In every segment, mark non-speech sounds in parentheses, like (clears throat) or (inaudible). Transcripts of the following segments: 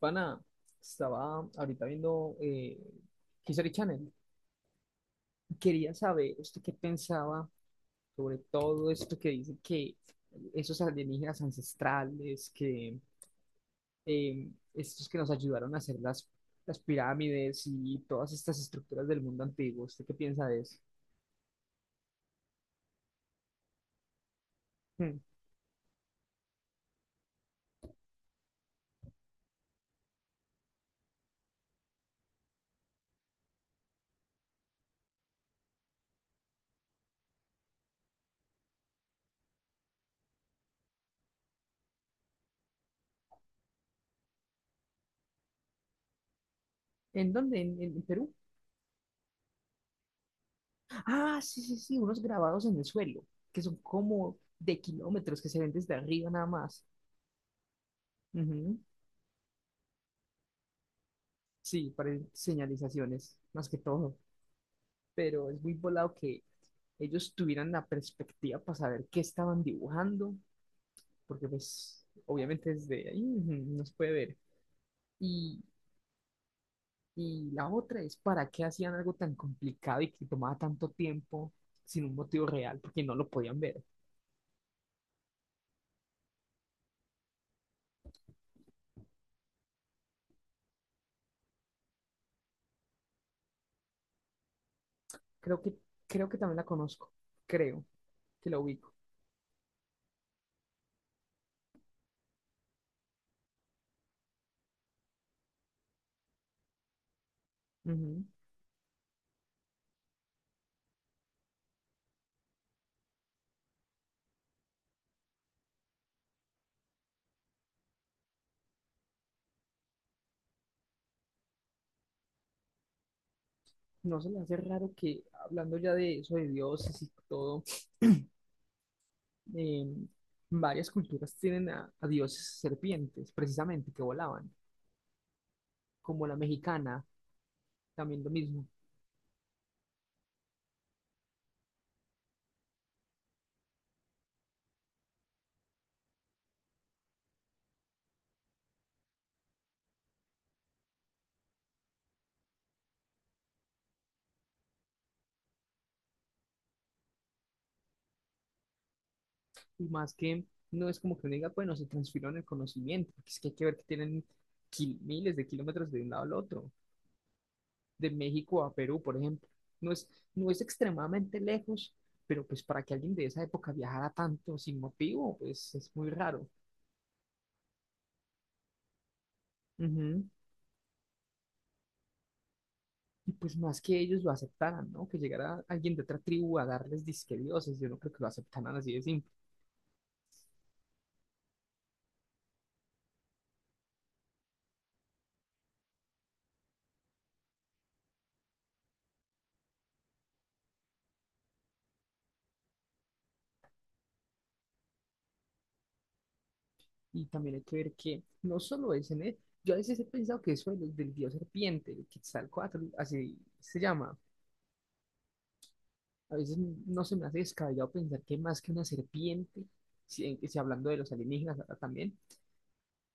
Pana, estaba ahorita viendo History Channel. Quería saber usted qué pensaba sobre todo esto que dice que esos alienígenas ancestrales, que estos que nos ayudaron a hacer las pirámides y todas estas estructuras del mundo antiguo. ¿Usted qué piensa de eso? Hmm. ¿En dónde? ¿En Perú? Ah, sí, sí, sí, unos grabados en el suelo, que son como de kilómetros que se ven desde arriba nada más. Sí, para señalizaciones, más que todo. Pero es muy volado que ellos tuvieran la perspectiva para saber qué estaban dibujando, porque pues obviamente desde ahí no se puede ver. Y, y la otra es para qué hacían algo tan complicado y que tomaba tanto tiempo sin un motivo real, porque no lo podían ver. Creo que, creo que también la conozco, creo que la ubico. Ujú. No se le hace raro que hablando ya de eso, de dioses y todo. (clears throat) eh, varias culturas tienen a dioses serpientes, precisamente, que volaban, como la mexicana, también lo mismo. Y más que no es como que uno diga, bueno, se transfirieron el conocimiento, porque es que hay que ver que tienen miles de kilómetros de un lado al otro, de México a Perú, por ejemplo. No es, no es extremadamente lejos, pero pues para que alguien de esa época viajara tanto sin motivo, pues es muy raro. Ujú. Y pues más que ellos lo aceptaran, ¿no? Que llegara alguien de otra tribu a darles disque dioses, yo no creo que lo aceptaran así de simple. Y también hay que ver que no solo es en él, yo a veces he pensado que eso del dios serpiente, el Quetzalcóatl, así se llama, a veces no se me hace descabellado pensar que más que una serpiente, si hablando de los alienígenas ahora también,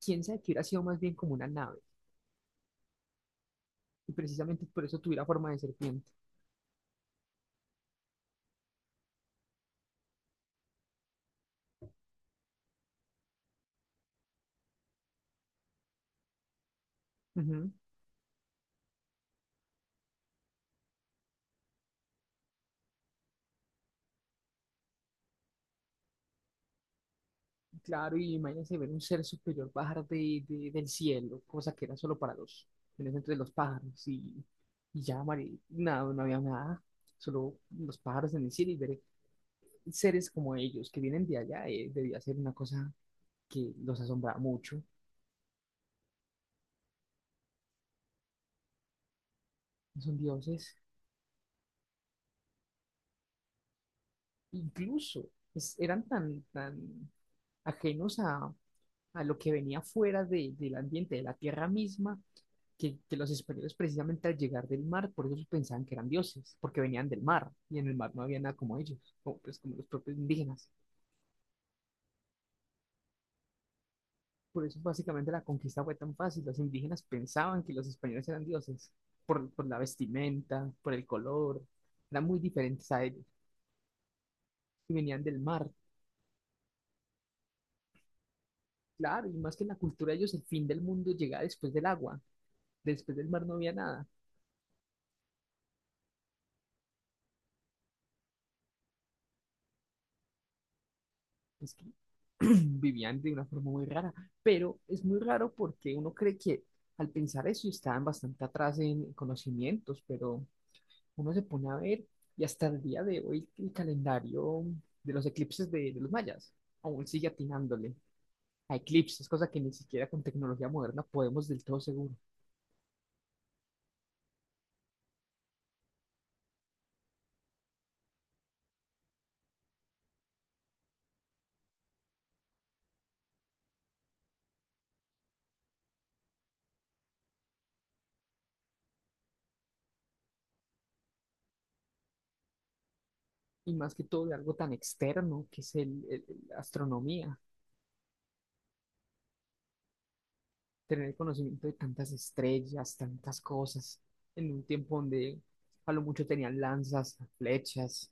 quién sabe que hubiera sido más bien como una nave, y precisamente por eso tuviera forma de serpiente. Ujú. Claro, y imagínense ver un ser superior bajar del cielo, cosa que era solo para los, en ese entonces los pájaros, y ya, Mari, nada, no había nada, solo los pájaros en el cielo y ver seres como ellos que vienen de allá, debía ser una cosa que los asombraba mucho, son dioses, incluso eran tan, tan ajenos a lo que venía fuera del ambiente, de la tierra misma, que los españoles precisamente al llegar del mar, por eso pensaban que eran dioses, porque venían del mar, y en el mar no había nada como ellos, como, pues, como los propios indígenas. Por eso básicamente la conquista fue tan fácil, los indígenas pensaban que los españoles eran dioses, por la vestimenta, por el color, eran muy diferentes a ellos, y venían del mar. Claro, y más que en la cultura de ellos, el fin del mundo llegaba después del agua, después del mar no había nada. Es que (clears throat) vivían de una forma muy rara, pero es muy raro porque uno cree que al pensar eso estaban bastante atrás en conocimientos, pero uno se pone a ver y hasta el día de hoy el calendario de los eclipses de los mayas aún sigue atinándole a eclipses, cosa que ni siquiera con tecnología moderna podemos del todo seguro. Y más que todo de algo tan externo que es la astronomía. Tener conocimiento de tantas estrellas, tantas cosas, en un tiempo donde a lo mucho tenían lanzas, flechas.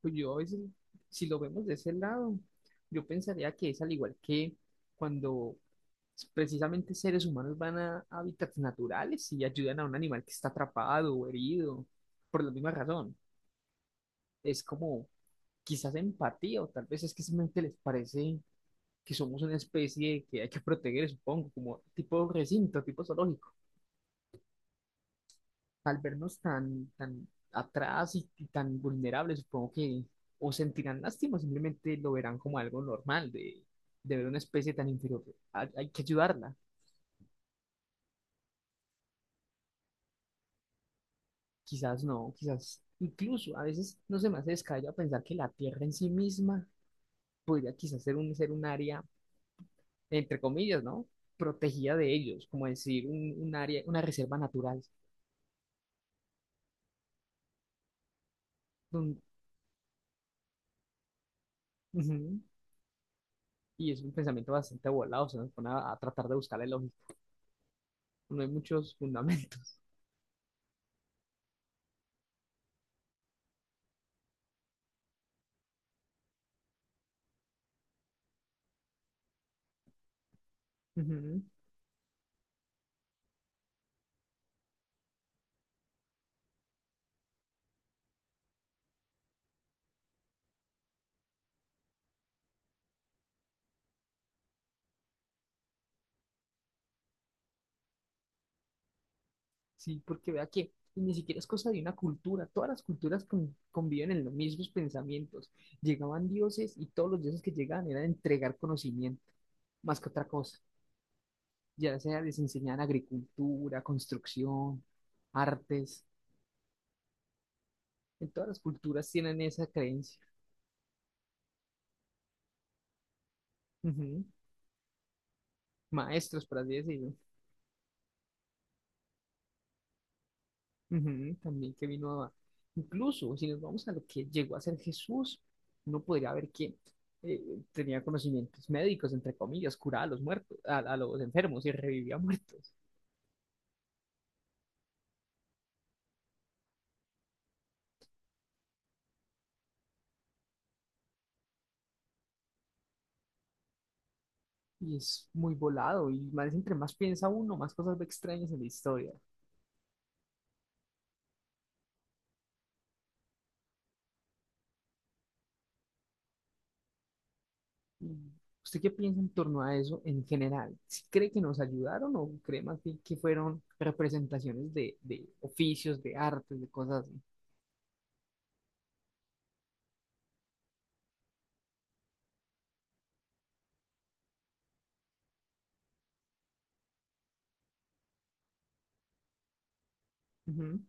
Pues yo a veces, si lo vemos de ese lado, yo pensaría que es al igual que cuando precisamente seres humanos van a hábitats naturales y ayudan a un animal que está atrapado o herido, por la misma razón. Es como quizás empatía o tal vez es que simplemente les parece que somos una especie que hay que proteger, supongo, como tipo recinto, tipo zoológico. Al vernos tan, tan atrás y, tan vulnerables, supongo que o sentirán lástima o simplemente lo verán como algo normal de ver una especie tan inferior. Hay que ayudarla. Quizás no, quizás incluso a veces no se me hace descabellado pensar que la Tierra en sí misma podría quizás ser un área, entre comillas, ¿no? Protegida de ellos, como decir, un área, una reserva natural. Un- Ujú. Y es un pensamiento bastante volado, se nos pone a tratar de buscarle lógica. No hay muchos fundamentos. Ujú. Sí, porque vea que ni siquiera es cosa de una cultura, todas las culturas conviven en los mismos pensamientos. Llegaban dioses y todos los dioses que llegaban eran entregar conocimiento, más que otra cosa, ya sea les enseñaban agricultura, construcción, artes, en todas las culturas tienen esa creencia. Ujú. Maestros, por así decirlo. Ujú, también que vino a. Incluso si nos vamos a lo que llegó a ser Jesús, uno podría ver que tenía conocimientos médicos, entre comillas, curaba a los muertos, a los enfermos y revivía muertos. Y es muy volado y más, entre más piensa uno, más cosas ve extrañas en la historia. Y, ¿usted qué piensa en torno a eso en general? ¿Sí cree que nos ayudaron o cree más bien que fueron representaciones de oficios, de artes, de cosas así?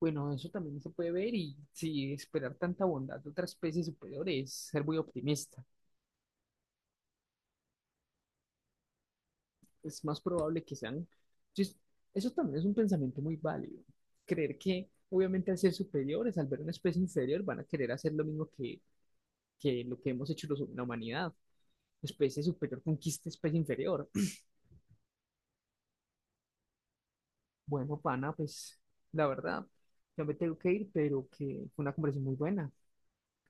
Bueno, eso también se puede ver y si esperar tanta bondad de otra especie superior es ser muy optimista. Es más probable que sean. Entonces, eso también es un pensamiento muy válido. Creer que obviamente al ser superiores, al ver una especie inferior, van a querer hacer lo mismo que lo que hemos hecho la humanidad. Especie superior conquista especie inferior. (clears throat) Bueno, pana, pues la verdad, ya me tengo que ir, pero que fue una conversación muy buena.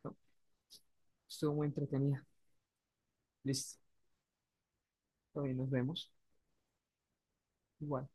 ¿No? Estuvo muy entretenida. Listo, todavía nos vemos. Igual.